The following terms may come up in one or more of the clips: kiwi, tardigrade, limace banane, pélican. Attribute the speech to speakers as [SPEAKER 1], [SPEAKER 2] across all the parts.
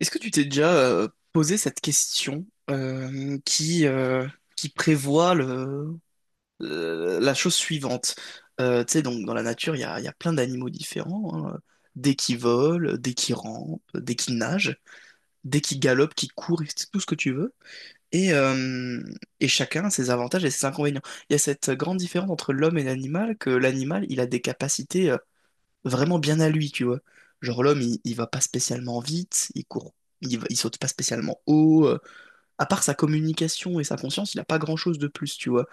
[SPEAKER 1] Est-ce que tu t'es déjà posé cette question qui prévoit la chose suivante? Donc dans la nature, il y a plein d'animaux différents, hein, des qui volent, des qui rampent, des qui nagent, des qui galopent, qui courent, et c'est tout ce que tu veux. Et, euh, et chacun a ses avantages et ses inconvénients. Il y a cette grande différence entre l'homme et l'animal, que l'animal, il a des capacités vraiment bien à lui, tu vois. Genre l'homme, il va pas spécialement vite, il court, il saute pas spécialement haut. À part sa communication et sa conscience, il a pas grand-chose de plus, tu vois.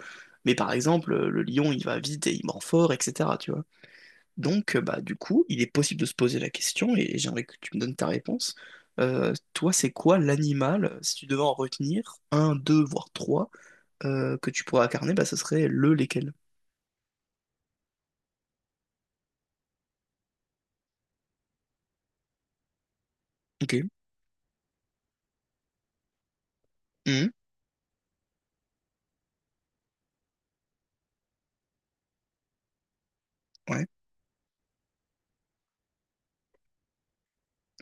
[SPEAKER 1] Mais par exemple, le lion, il va vite et il mord fort, etc., tu vois. Du coup, il est possible de se poser la question, et j'aimerais que tu me donnes ta réponse. Toi, c'est quoi l'animal, si tu devais en retenir un, deux, voire trois, que tu pourrais incarner, bah, ce serait le lesquels? Ok. Mhm. Ouais.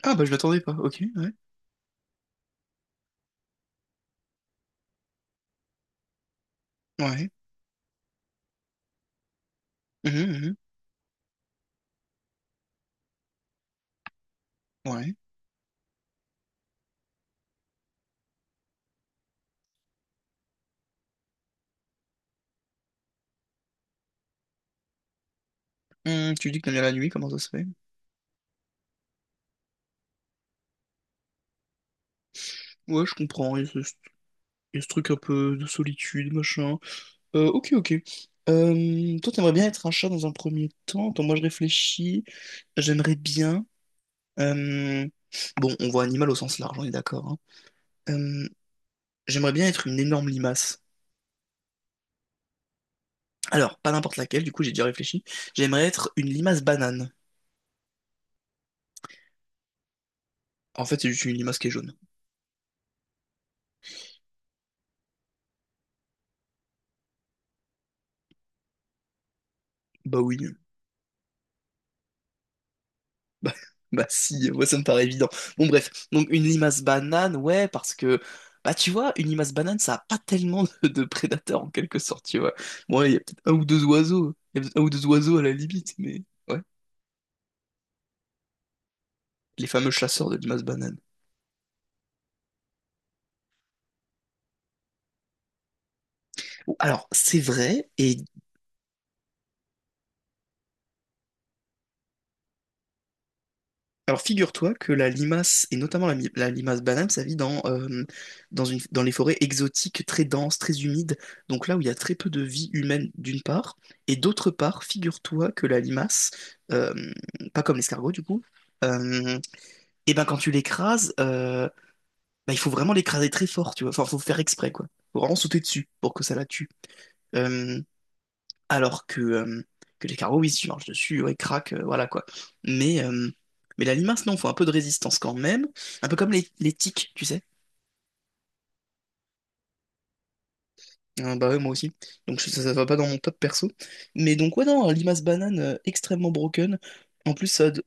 [SPEAKER 1] Ah, bah, je m'attendais pas. Ok, ouais. Ouais. Mhm, mhm. Ouais. Tu dis que t'aimes bien la nuit, comment ça se fait? Ouais, je comprends, il y a ce truc un peu de solitude, machin. Ok, ok. Toi, t'aimerais bien être un chat dans un premier temps. Attends, moi, je réfléchis. J'aimerais bien... euh, Bon, on voit animal au sens large, on est d'accord. Hein. Euh, J'aimerais bien être une énorme limace. Alors, pas n'importe laquelle, du coup, j'ai déjà réfléchi. J'aimerais être une limace banane. En fait, c'est juste une limace qui est jaune. Bah oui. Bah, bah si, moi ça me paraît évident. Bon bref, donc une limace banane, ouais, parce que, bah tu vois, une limace banane, ça a pas tellement de prédateurs en quelque sorte, tu vois. Bon, ouais, il y a peut-être un ou deux oiseaux à la limite, mais ouais, les fameux chasseurs de limaces bananes. Bon, alors, c'est vrai, et alors figure-toi que la limace, et notamment la limace banane, ça vit dans les forêts exotiques très denses, très humides, donc là où il y a très peu de vie humaine d'une part, et d'autre part, figure-toi que la limace, euh, pas comme l'escargot du coup, euh, et ben quand tu l'écrases, bah, il faut vraiment l'écraser très fort, tu vois, enfin faut faire exprès quoi, faut vraiment sauter dessus pour que ça la tue. Euh, alors que que les carreaux, oui, si tu marches dessus, ouais, craque, voilà quoi. Mais, euh, mais la limace, non, faut un peu de résistance quand même. Un peu comme les tiques, tu sais. Bah ouais, moi aussi. Ça, ça va pas dans mon top perso. Mais donc, ouais, non, limace banane extrêmement broken. En plus, ça. De-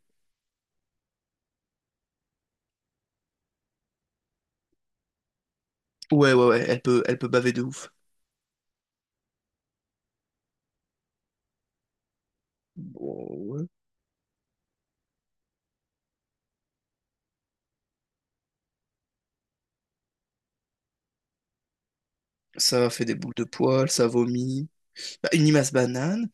[SPEAKER 1] Ouais, ouais, ouais, elle peut baver de ouf. Bon, ouais. Ça fait des boules de poils, ça vomit. Bah, une limace banane.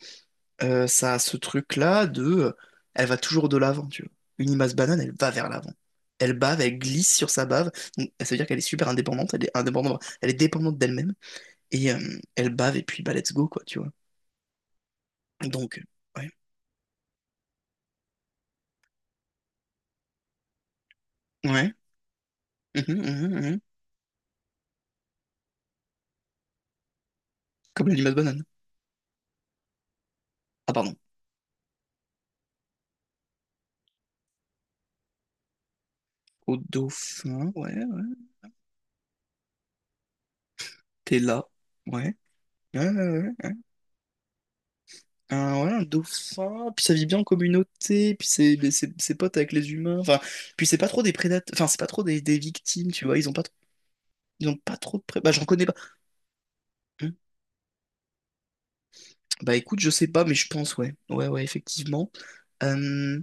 [SPEAKER 1] Ça a ce truc-là de... Elle va toujours de l'avant, tu vois. Une limace banane, elle va vers l'avant. Elle bave, elle glisse sur sa bave. Donc, ça veut dire qu'elle est super indépendante, elle est dépendante d'elle-même. Et elle bave, et puis bah let's go, quoi, tu vois. Donc, ouais. Ouais. Mhm. Comme la limace banane. Ah, pardon. Au dauphin, ouais, ouais. T'es là. Ouais. Ouais. Un dauphin, puis ça vit bien en communauté, c'est pote avec les humains. Enfin, puis c'est pas trop des prédateurs, enfin, c'est pas trop des victimes, tu vois. Ils ont pas. Ils ont pas trop de pré... Bah, j'en connais pas. Hmm. Bah, écoute, je sais pas, mais je pense, ouais. Ouais, ouais, effectivement. Euh,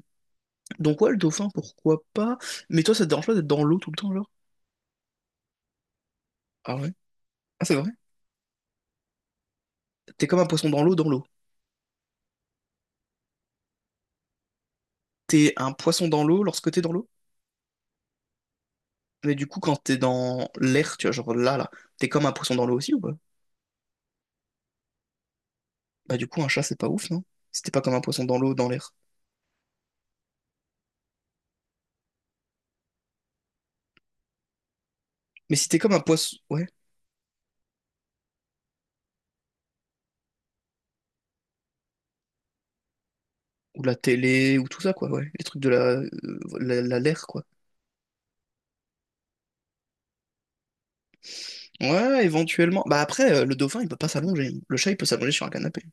[SPEAKER 1] Donc, ouais, le dauphin, pourquoi pas. Mais toi, ça te dérange pas d'être dans l'eau tout le temps, genre? Ah ouais? Ah, c'est vrai? T'es comme un poisson dans l'eau, dans l'eau. T'es un poisson dans l'eau lorsque t'es dans l'eau? Mais du coup, quand t'es dans l'air, tu vois, genre là, t'es comme un poisson dans l'eau aussi ou pas? Bah, du coup, un chat, c'est pas ouf, non? Si t'es pas comme un poisson dans l'eau, dans l'air. Mais si t'es comme un poisson, ouais. Ou la télé, ou tout ça, quoi, ouais. Les trucs de l'air, quoi. Ouais, éventuellement. Bah après, le dauphin, il peut pas s'allonger. Le chat, il peut s'allonger sur un canapé.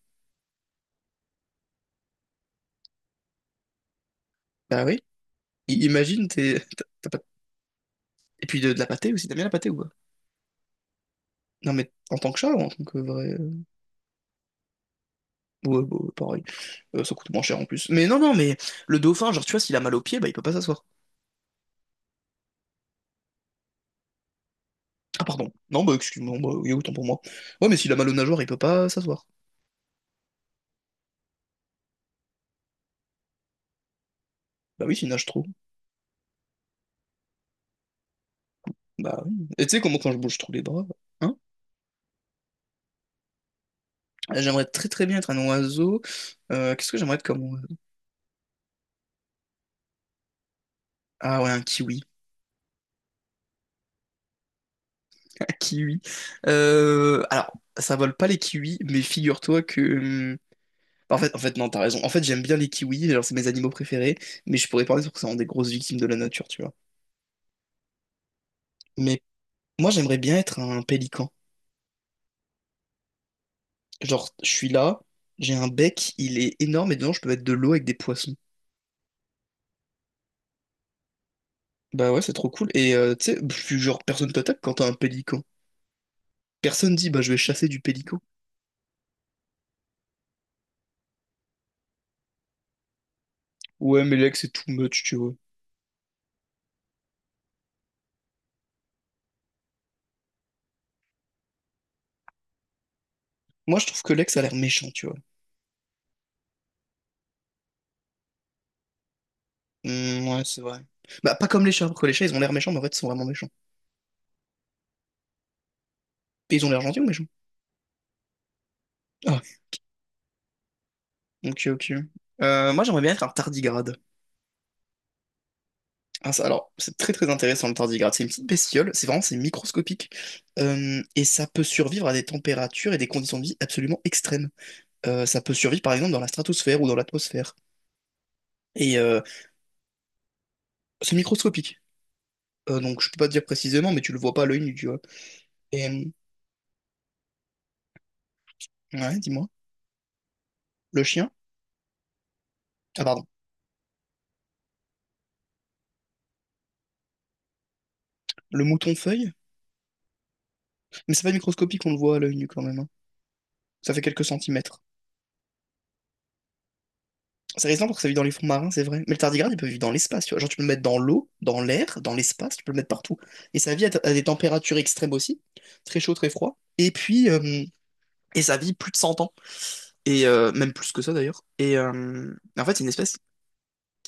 [SPEAKER 1] Bah oui. I- imagine, t'es... t'as- t'as pas- Et puis de la pâtée aussi, t'aimes bien la pâtée ou quoi? Non mais en tant que chat ou en tant que vrai... Ouais, bah, pareil. Ça coûte moins cher en plus. Mais non, non, mais le dauphin, genre tu vois, s'il a mal aux pieds bah il peut pas s'asseoir. Ah pardon. Non, bah excuse-moi, bah, oui, autant pour moi. Ouais, mais s'il a mal aux nageoires, il peut pas s'asseoir. Bah oui, s'il nage trop. Bah oui. Et tu sais comment quand je bouge trop les bras, hein? J'aimerais très très bien être un oiseau. Qu'est-ce que j'aimerais être comme... oiseau. Ah ouais, un kiwi. Kiwi. Euh, alors, Ça vole pas les kiwis, mais figure-toi que. hum, En fait, non, t'as raison. En fait, j'aime bien les kiwis, genre, c'est mes animaux préférés, mais je pourrais parler sur que c'est des grosses victimes de la nature, tu vois. Mais moi, j'aimerais bien être un pélican. Genre, je suis là, j'ai un bec, il est énorme, et dedans, je peux mettre de l'eau avec des poissons. Bah ouais, c'est trop cool. Et tu sais, pff, genre, personne t'attaque quand t'as un pélican. Personne dit, bah, je vais chasser du pélican. Ouais, mais l'ex, c'est too much, tu vois. Moi, je trouve que l'ex a l'air méchant, tu vois. Hmm, ouais, c'est vrai. Bah, pas comme les chats, parce que les chats, ils ont l'air méchants, mais en fait, ils sont vraiment méchants. Et ils ont l'air gentils ou méchants? Ah, ok, ok. Moi, j'aimerais bien être un tardigrade. Ah, ça, alors, c'est très très intéressant le tardigrade. C'est une petite bestiole, c'est microscopique. Et ça peut survivre à des températures et des conditions de vie absolument extrêmes. Ça peut survivre, par exemple, dans la stratosphère ou dans l'atmosphère. Et euh, c'est microscopique. Donc, je peux pas te dire précisément, mais tu le vois pas à l'œil nu, tu vois. Et, euh, ouais, dis-moi. Le chien? Ah, pardon. Le mouton feuille? Mais c'est pas microscopique, on le voit à l'œil nu quand même. Hein. Ça fait quelques centimètres. C'est résistant parce que ça vit dans les fonds marins, c'est vrai. Mais le tardigrade, il peut vivre dans l'espace, tu vois. Genre, tu peux le mettre dans l'eau, dans l'air, dans l'espace, tu peux le mettre partout. Et ça vit à des températures extrêmes aussi, très chaud, très froid. Et ça vit plus de 100 ans, même plus que ça d'ailleurs. En fait, c'est une espèce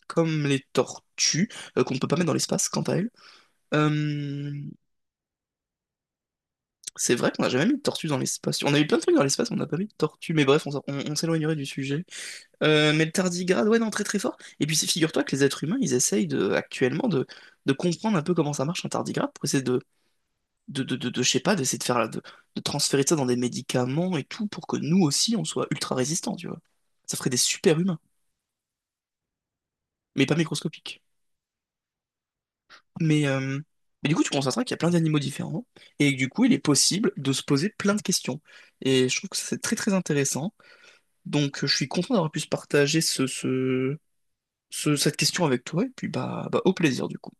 [SPEAKER 1] comme les tortues, qu'on ne peut pas mettre dans l'espace, quant à elle. C'est vrai qu'on n'a jamais mis de tortues dans l'espace. On a eu plein de trucs dans l'espace, on n'a pas mis de tortues. Mais bref, on s'éloignerait du sujet. Mais le tardigrade, ouais, non, très très fort. Et puis figure-toi que les êtres humains, ils essayent actuellement de comprendre un peu comment ça marche un tardigrade pour essayer je sais pas, d'essayer de faire, de transférer ça dans des médicaments et tout pour que nous aussi, on soit ultra résistants, tu vois. Ça ferait des super humains, mais pas microscopiques. Mais, euh, mais du coup, tu constateras qu'il y a plein d'animaux différents et que du coup, il est possible de se poser plein de questions. Et je trouve que ça, c'est très très intéressant. Donc, je suis content d'avoir pu se partager cette question avec toi et puis bah, au plaisir du coup.